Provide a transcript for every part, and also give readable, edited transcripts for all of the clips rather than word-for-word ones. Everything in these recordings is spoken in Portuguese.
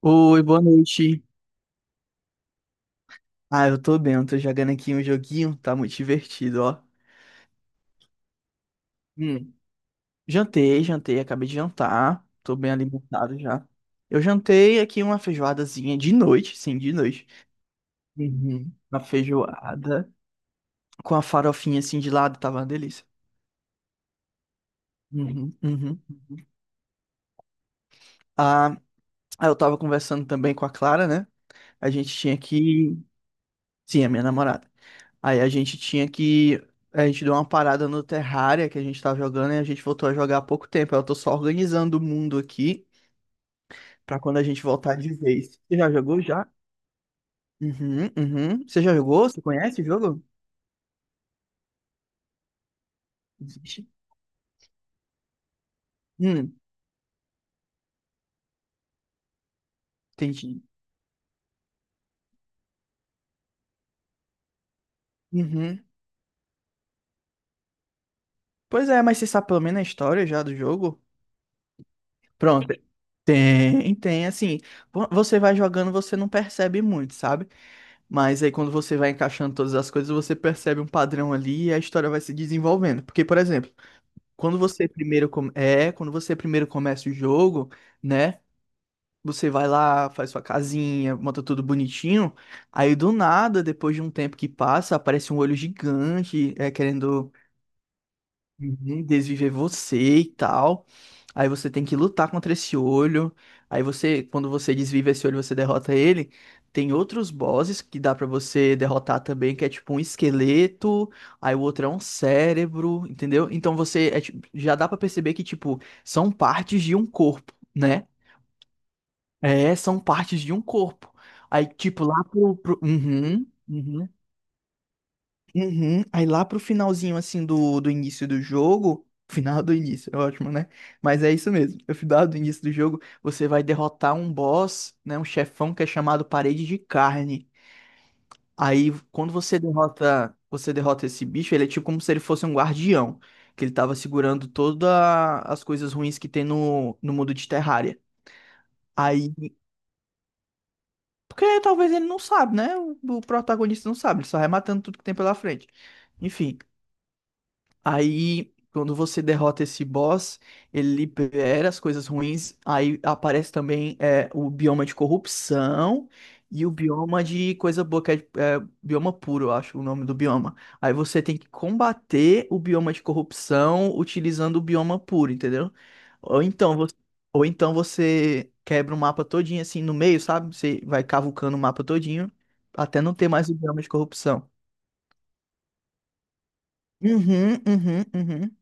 Oi, boa noite. Eu tô bem, eu tô jogando aqui um joguinho, tá muito divertido, ó. Hum. Jantei, jantei, acabei de jantar, tô bem alimentado já. Eu jantei aqui uma feijoadazinha de noite, sim, de noite. Uhum. Uma feijoada com a farofinha assim de lado, tava uma delícia. Uhum, uhum. Ah, eu tava conversando também com a Clara, né? A gente tinha que Sim, a minha namorada. Aí a gente tinha que. A gente deu uma parada no Terraria que a gente tava jogando e a gente voltou a jogar há pouco tempo. Eu tô só organizando o mundo aqui pra quando a gente voltar de vez. Você já jogou já? Uhum, uhum. Você já jogou? Você conhece o jogo? Existe? Hum, entendi. Uhum. Pois é, mas você sabe pelo menos a história já do jogo? Pronto. Tem, tem, assim. Você vai jogando, você não percebe muito, sabe? Mas aí quando você vai encaixando todas as coisas, você percebe um padrão ali e a história vai se desenvolvendo. Porque, por exemplo, quando você quando você primeiro começa o jogo, né? Você vai lá, faz sua casinha, monta tudo bonitinho. Aí do nada, depois de um tempo que passa, aparece um olho gigante, querendo uhum, desviver você e tal. Aí você tem que lutar contra esse olho. Quando você desvive esse olho, você derrota ele. Tem outros bosses que dá pra você derrotar também, que é tipo um esqueleto, aí o outro é um cérebro, entendeu? Então já dá pra perceber que tipo são partes de um corpo, né? É, são partes de um corpo. Aí tipo lá pro... Uhum, uhum. Uhum. Aí lá pro finalzinho, assim, do início do jogo. Final do início, é ótimo, né? Mas é isso mesmo. No final do início do jogo, você vai derrotar um boss, né? Um chefão que é chamado Parede de Carne. Aí, você derrota esse bicho, ele é tipo como se ele fosse um guardião. Que ele tava segurando todas as coisas ruins que tem no mundo de Terraria. Aí. Porque talvez ele não sabe, né? O protagonista não sabe, ele só vai matando tudo que tem pela frente. Enfim. Aí, quando você derrota esse boss, ele libera as coisas ruins. Aí aparece também o bioma de corrupção e o bioma de coisa boa, que bioma puro, eu acho o nome do bioma. Aí você tem que combater o bioma de corrupção utilizando o bioma puro, entendeu? Ou então você, ou então você quebra o mapa todinho assim no meio, sabe? Você vai cavucando o mapa todinho até não ter mais o bioma de corrupção. Uhum, uhum, uhum.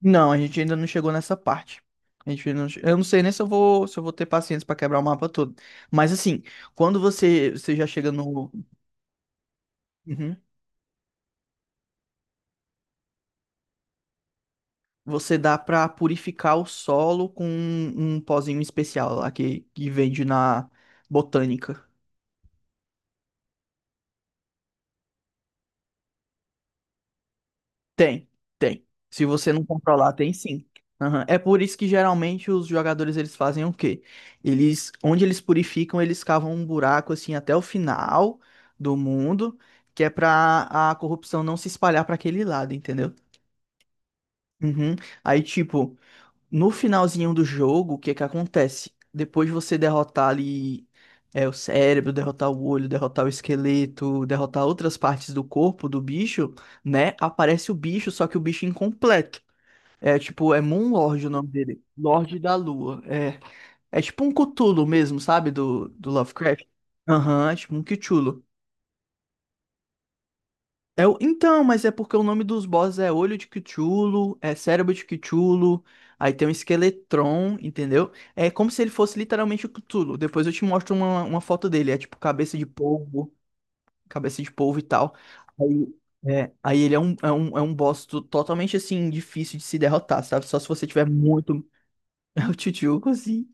Não, a gente ainda não chegou nessa parte. A gente ainda não... che- Eu não sei nem se eu se eu vou ter paciência pra quebrar o mapa todo. Mas assim, quando você já chega no. Uhum. Você dá pra purificar o solo com um pozinho especial lá que vende na botânica. Tem, tem. Se você não controlar, tem sim. Aham. É por isso que geralmente os jogadores eles fazem o quê? Eles, onde eles purificam, eles cavam um buraco assim até o final do mundo, que é pra a corrupção não se espalhar pra aquele lado, entendeu? Uhum. Aí, tipo, no finalzinho do jogo, o que que acontece? Depois de você derrotar ali o cérebro, derrotar o olho, derrotar o esqueleto, derrotar outras partes do corpo do bicho, né? Aparece o bicho, só que o bicho incompleto. É Moon Lord o nome dele. Lorde da Lua. É, é tipo um Cthulhu mesmo, sabe? Do Lovecraft. Aham, é tipo um Cthulhu. É o... Então, mas é porque o nome dos bosses é Olho de Cthulhu, é Cérebro de Cthulhu, aí tem um Esqueletron, entendeu? É como se ele fosse literalmente o Cthulhu. Depois eu te mostro uma foto dele, é tipo cabeça de polvo e tal. Aí, é, aí ele é um, é um, é um boss totalmente assim, difícil de se derrotar, sabe? Só se você tiver muito. É o Tchutchuco, sim.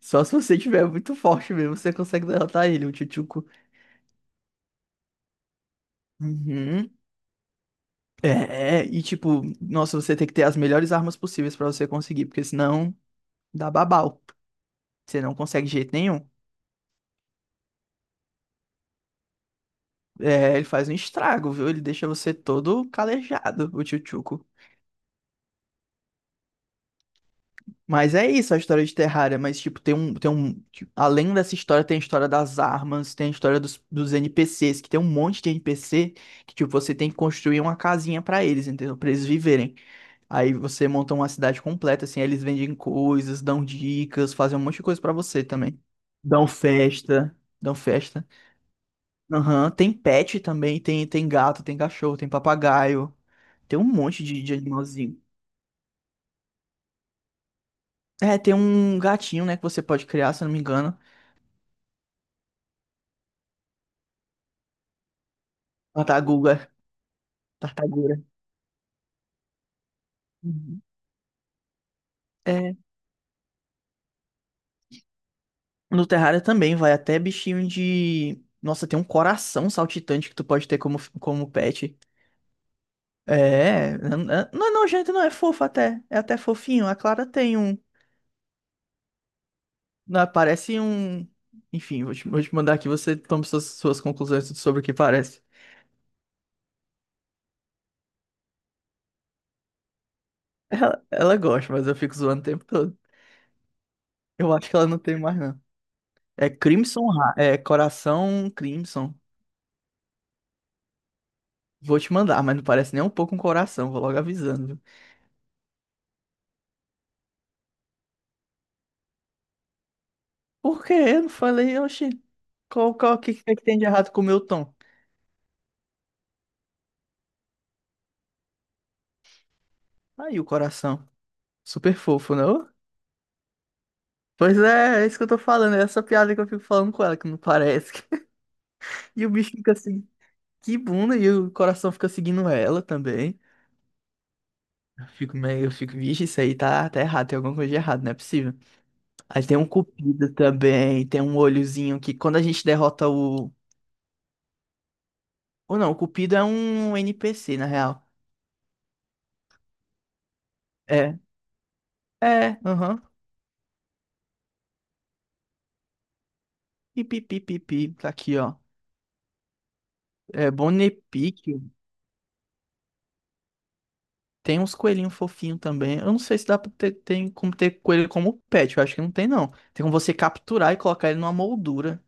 Só se você tiver muito forte mesmo, você consegue derrotar ele, o Tchutchuco. Uhum. E tipo, nossa, você tem que ter as melhores armas possíveis pra você conseguir, porque senão dá babau. Você não consegue de jeito nenhum. É, ele faz um estrago, viu? Ele deixa você todo calejado, o Tchutchuco. Mas é isso a história de Terraria, mas tipo, tem um, tipo, além dessa história, tem a história das armas, tem a história dos NPCs, que tem um monte de NPC que tipo, você tem que construir uma casinha pra eles, entendeu? Pra eles viverem. Aí você monta uma cidade completa, assim, aí eles vendem coisas, dão dicas, fazem um monte de coisa pra você também. Dão festa, dão festa. Aham, tem pet também, tem gato, tem cachorro, tem papagaio, tem um monte de animalzinho. É, tem um gatinho, né, que você pode criar, se eu não me engano. Tartaguga, tartagura. Uhum. É, no Terraria também vai até bichinho de... Nossa, tem um coração saltitante que tu pode ter como, como pet. É, é, não é nojento, não, é fofo até. É até fofinho. A Clara tem um. Não, parece um. Enfim, vou te mandar aqui, você toma suas, suas conclusões sobre o que parece. Ela gosta, mas eu fico zoando o tempo todo. Eu acho que ela não tem mais, não. É Crimson, é Coração Crimson. Vou te mandar, mas não parece nem um pouco um coração, vou logo avisando, viu? Por quê? Eu não falei, oxi, que é que tem de errado com o meu tom? Aí o coração. Super fofo, não? Pois é, é isso que eu tô falando, é essa piada que eu fico falando com ela, que não parece. E o bicho fica assim, que bunda, e o coração fica seguindo ela também. Eu fico, vixe, isso aí tá errado, tem alguma coisa de errado, não é possível. Aí tem um cupido também, tem um olhozinho que quando a gente derrota o. Ou não, o cupido é um NPC, na real. É, aham. Pipi, pipi, pipi, tá aqui, ó. É, Bonepic, tem uns coelhinhos fofinhos também. Eu não sei se dá pra ter, tem como ter coelho como pet. Eu acho que não tem, não. Tem como você capturar e colocar ele numa moldura.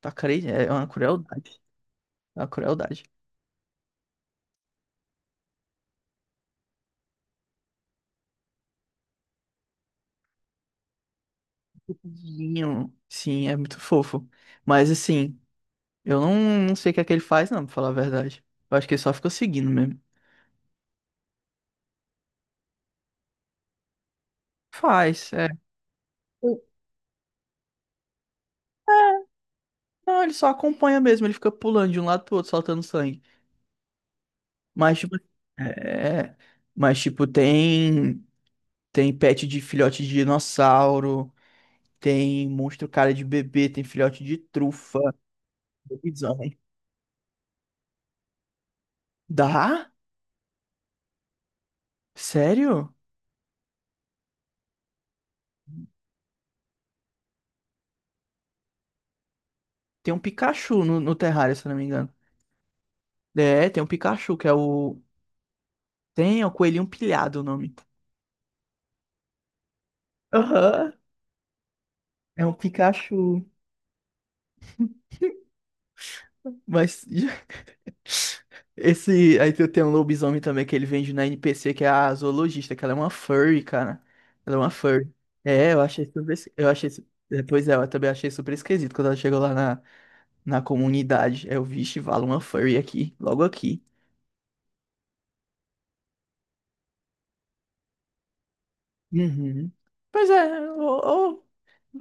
Tá cre... É uma crueldade. É uma crueldade. Fofinho. Sim, é muito fofo. Mas assim, eu não, não sei o que é que ele faz, não, pra falar a verdade. Eu acho que ele só fica seguindo mesmo. Faz, é. Não, ele só acompanha mesmo. Ele fica pulando de um lado pro outro, soltando sangue. Mas, tipo. É. Mas, tipo, tem. Tem pet de filhote de dinossauro. Tem monstro cara de bebê, tem filhote de trufa, lobisomem. Dá? Sério? Tem um Pikachu no terrário, se eu não me engano. É, tem um Pikachu, que é o. Tem, é o coelhinho pilhado o nome. Aham, é um Pikachu. Mas. Esse. Aí tem um lobisomem também que ele vende na NPC, que é a zoologista, que ela é uma furry, cara. Ela é uma furry. É, eu achei super. Es- Eu achei. Su- é, Pois é, eu também achei super esquisito quando ela chegou lá na comunidade. Eu, vixe, vale uma furry aqui, logo aqui. Uhum. Pois é, ou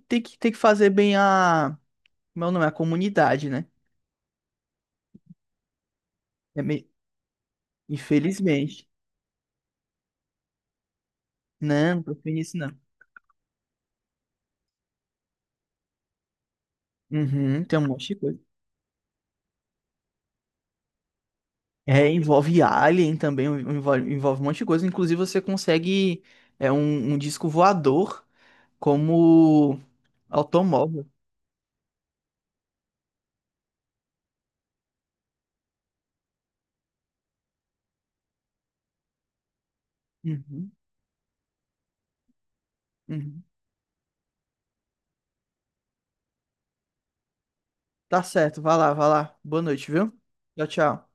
tem que fazer bem a. Meu nome é a comunidade, né? É me- Infelizmente. Não, não tô feliz nisso, não. Uhum, tem um monte de coisa. É, envolve Alien também, envolve um monte de coisa. Inclusive, você consegue um disco voador como automóvel. Uhum, uhum. Tá certo, vai lá, vai lá. Boa noite, viu? Tchau, tchau.